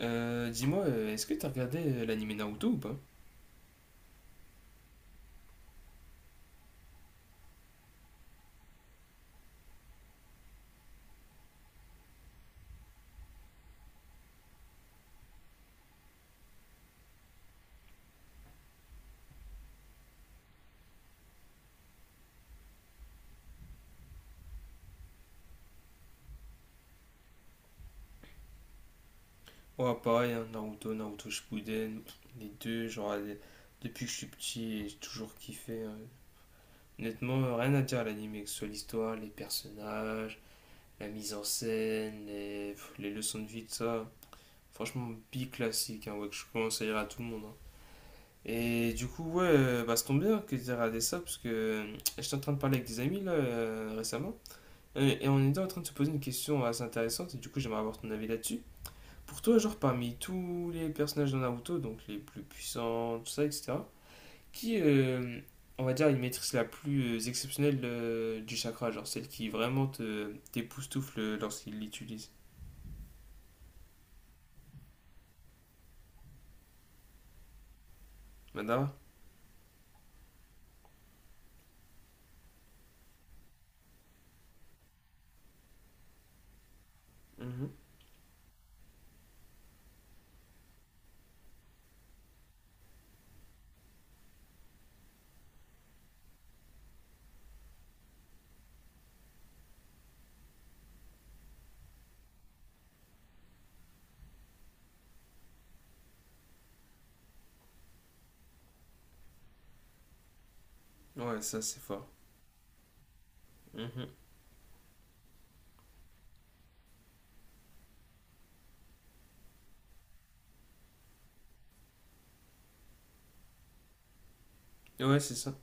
Dis-moi, est-ce que t'as regardé l'anime Naruto ou pas? Ouais, pareil, hein, Naruto, Naruto Shippuden, les deux, genre, depuis que je suis petit, j'ai toujours kiffé, hein. Honnêtement, rien à dire à l'anime, que ce soit l'histoire, les personnages, la mise en scène, les leçons de vie, tout ça. Franchement, bi classique, hein, ouais, que je commence à dire à tout le monde, hein. Et du coup, ouais, bah, ça tombe bien que t'aies regardé ça, parce que j'étais en train de parler avec des amis, là, récemment, et on était en train de se poser une question assez intéressante, et du coup, j'aimerais avoir ton avis là-dessus. Pour toi, genre parmi tous les personnages de Naruto, donc les plus puissants, tout ça, etc., qui, on va dire, une maîtrise la plus exceptionnelle du chakra, genre celle qui vraiment te t'époustoufle lorsqu'il l'utilise. Madara. Mhm. Ouais, ça c'est fort. Mhm. Ouais, c'est ça.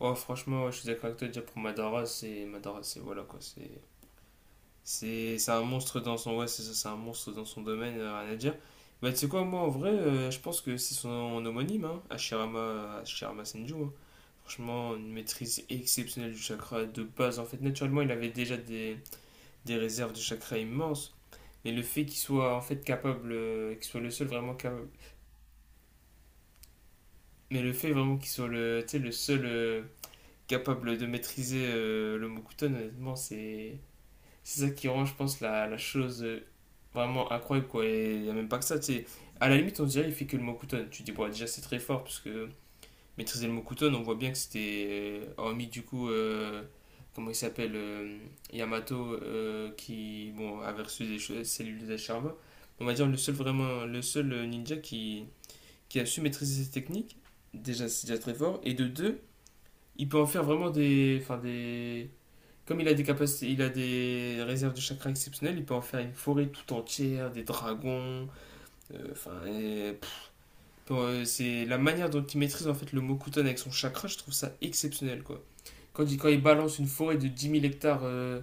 Oh, franchement, ouais, je suis d'accord avec toi, déjà pour Madara, c'est. Madara, c'est. Voilà quoi, c'est. C'est un monstre dans son, ouais, c'est ça, c'est un monstre dans son domaine, rien à dire. Bah tu sais quoi, moi en vrai, je pense que c'est son homonyme, hein, Hashirama Senju. Hein. Franchement, une maîtrise exceptionnelle du chakra de base. En fait, naturellement, il avait déjà des réserves de chakra immenses, mais le fait qu'il soit en fait capable, qu'il soit le seul vraiment capable, mais le fait vraiment qu'il soit le, tu sais, le seul capable de maîtriser le Mokuton, honnêtement, c'est. C'est ça qui rend, je pense, la chose vraiment incroyable, quoi. Et il n'y a même pas que ça, tu sais. À la limite, on dirait il fait que le Mokuton. Tu dis, bon, déjà, c'est très fort, parce que maîtriser le Mokuton, on voit bien que c'était, hormis du coup, comment il s'appelle, Yamato, qui, bon, avait reçu des cellules de charbon. On va dire le seul vraiment, le seul ninja qui a su maîtriser ses techniques. Déjà, c'est déjà très fort. Et de deux, il peut en faire vraiment des, enfin des, comme il a des capacités, il a des réserves de chakras exceptionnelles, il peut en faire une forêt tout entière, des dragons. Enfin, bon, c'est la manière dont il maîtrise en fait le Mokuton avec son chakra, je trouve ça exceptionnel quoi. Quand il balance une forêt de 10 000 hectares euh,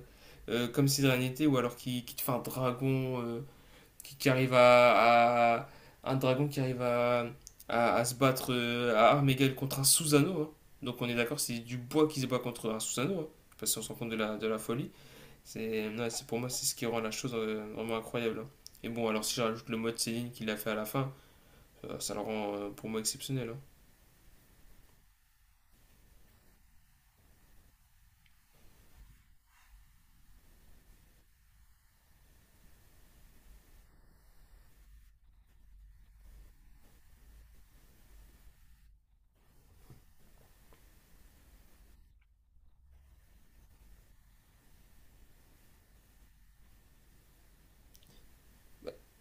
euh, comme si de rien n'était, ou alors qu'il te fait un dragon, qui arrive à, un dragon qui arrive à se battre, à armes égales contre un Susanoo, hein. Donc on est d'accord, c'est du bois qui se bat contre un Susanoo, hein. Je sais si se rend compte de la, folie. C'est, ouais, c'est pour moi, c'est ce qui rend la chose vraiment incroyable, hein. Et bon, alors si je rajoute le mode Céline qu'il a fait à la fin, ça le rend pour moi exceptionnel, hein.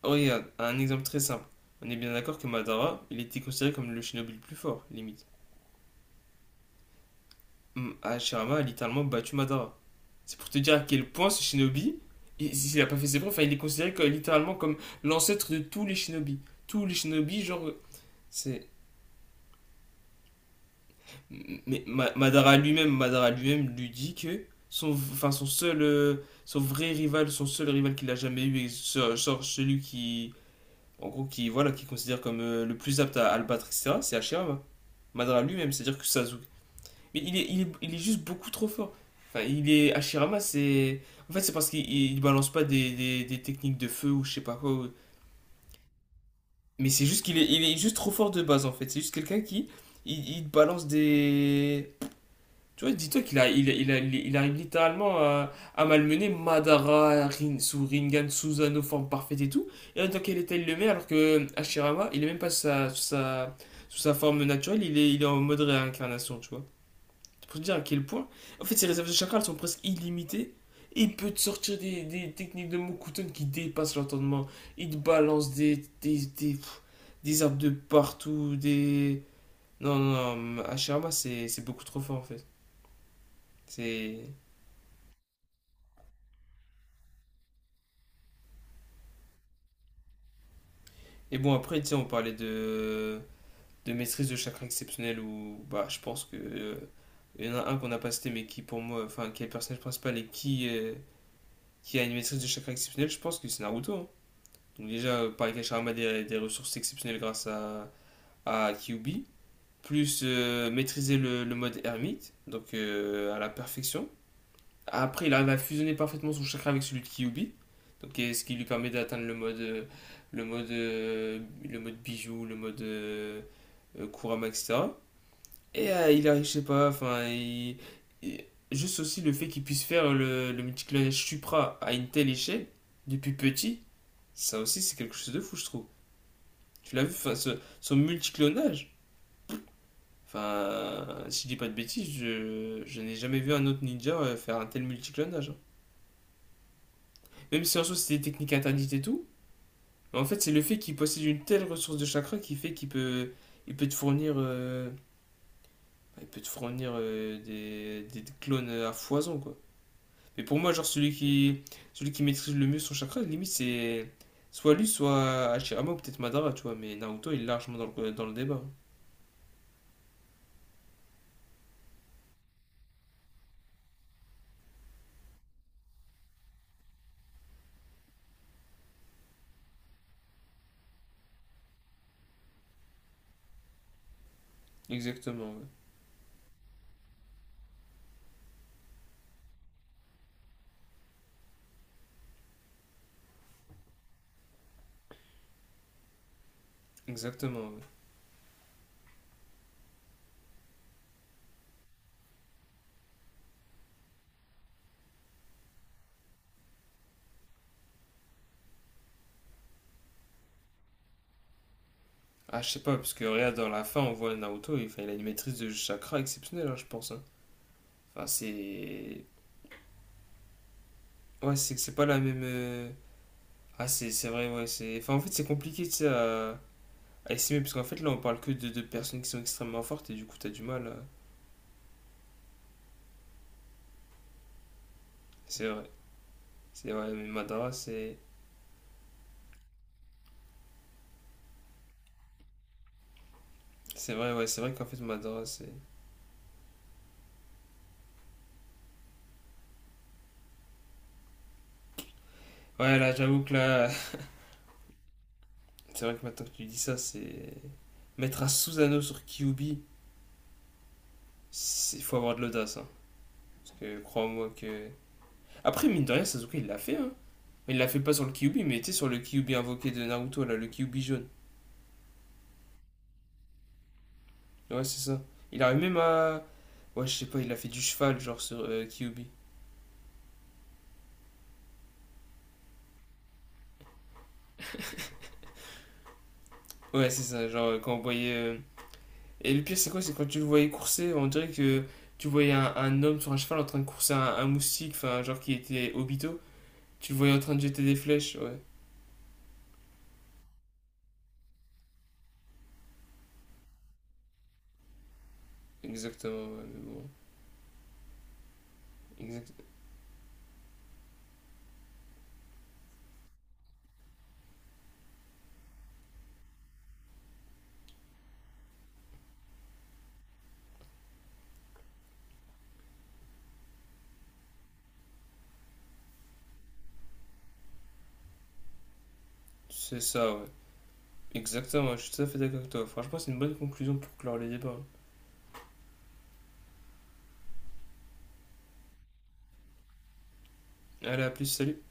Oh, regarde, un exemple très simple. On est bien d'accord que Madara, il était considéré comme le shinobi le plus fort, limite. Hashirama a littéralement battu Madara. C'est pour te dire à quel point ce shinobi, si, s'il a pas fait ses preuves, enfin, il est considéré littéralement comme l'ancêtre de tous les shinobi. Tous les shinobi, genre, c'est. Mais Madara lui-même lui dit que son, enfin son seul, son vrai rival, son seul rival qu'il a jamais eu, et genre celui qui, en gros, qui voilà, qui considère comme le plus apte à le battre, etc. C'est Hashirama. Madara lui-même, c'est-à-dire que Sasuke. Mais il est juste beaucoup trop fort. Enfin, il est Hashirama, c'est, en fait, c'est parce qu'il il balance pas des techniques de feu ou je sais pas quoi. Mais c'est juste qu'il est juste trop fort de base en fait. C'est juste quelqu'un qui, il balance des. Tu vois, dis-toi qu'il a- il arrive littéralement à malmener Madara, Rinnegan, Susanoo, forme parfaite et tout. Et en tant qu'elle était le met, alors que Hashirama, il est même pas sous sa forme naturelle, il est en mode réincarnation, tu vois. C'est pour te dire à quel point. En fait, ses réserves de chakras elles sont presque illimitées. Et il peut te sortir des techniques de Mokuton qui dépassent l'entendement. Il te balance des arbres de partout, des. Non, non, non, Hashirama, c'est beaucoup trop fort en fait. C'est. Et bon, après, tu sais, on parlait de maîtrise de chakra exceptionnel où, bah, je pense que il y en a un qu'on n'a pas cité, mais qui pour moi, enfin, qui est le personnage principal et qui a une maîtrise de chakra exceptionnelle je pense que c'est Naruto, hein. Donc, déjà, pareil a des ressources exceptionnelles grâce à Kyuubi. Plus maîtriser le mode ermite, donc à la perfection. Après, il arrive à fusionner parfaitement son chakra avec celui de Kyubi, donc, ce qui lui permet d'atteindre le mode, euh, le mode bijou, le mode Kurama, etc. Et il arrive, je sais pas, enfin, il- juste aussi le fait qu'il puisse faire le multiclonage Supra à une telle échelle, depuis petit, ça aussi c'est quelque chose de fou, je trouve. Tu l'as vu, enfin, son multiclonage, enfin, si je dis pas de bêtises, je n'ai jamais vu un autre ninja faire un tel multiclonage, hein. Même si en soi c'était des techniques interdites et tout, en fait c'est le fait qu'il possède une telle ressource de chakra qui fait qu'il peut, il peut te fournir, euh, il peut te fournir des clones à foison quoi. Mais pour moi genre celui qui maîtrise le mieux son chakra, limite c'est soit lui, soit Hashirama ou peut-être Madara, tu vois. Mais Naruto il est largement dans le débat. Exactement, ouais. Exactement, ouais. Ah je sais pas, parce que regarde dans la fin on voit Naruto, il, enfin, il a une maîtrise de chakra exceptionnelle, hein, je pense, hein. Enfin c'est. Ouais c'est que c'est pas la même. Ah, c'est vrai, ouais. Enfin, en fait, c'est compliqué, tu sais, à estimer, parce qu'en fait, là, on parle que de personnes qui sont extrêmement fortes, et du coup, t'as du mal. C'est vrai. C'est vrai, mais Madara, c'est. C'est vrai, ouais, c'est vrai qu'en fait, Madara, c'est. Ouais, là, j'avoue que là. C'est vrai que maintenant que tu dis ça, c'est. Mettre un Susanoo sur Kyuubi, il faut avoir de l'audace, hein. Parce que crois-moi que. Après, mine de rien, Sasuke, il l'a fait, hein. Il l'a fait pas sur le Kyuubi, mais tu sais, sur le Kyuubi invoqué de Naruto, là, le Kyuubi jaune. Ouais, c'est ça. Il arrive même à. Ouais, je sais pas, il a fait du cheval, genre sur Kyuubi. Ouais, c'est ça, genre quand on voyait. Et le pire, c'est quoi? C'est quand tu le voyais courser, on dirait que tu voyais un homme sur un cheval en train de courser un moustique, enfin, genre qui était Obito. Tu le voyais en train de jeter des flèches, ouais. Exactement, ouais, mais bon. Exact. C'est ça, ouais. Exactement, je suis tout à fait d'accord avec toi. Franchement, c'est une bonne conclusion pour clore le débat, hein. Allez, à plus, salut!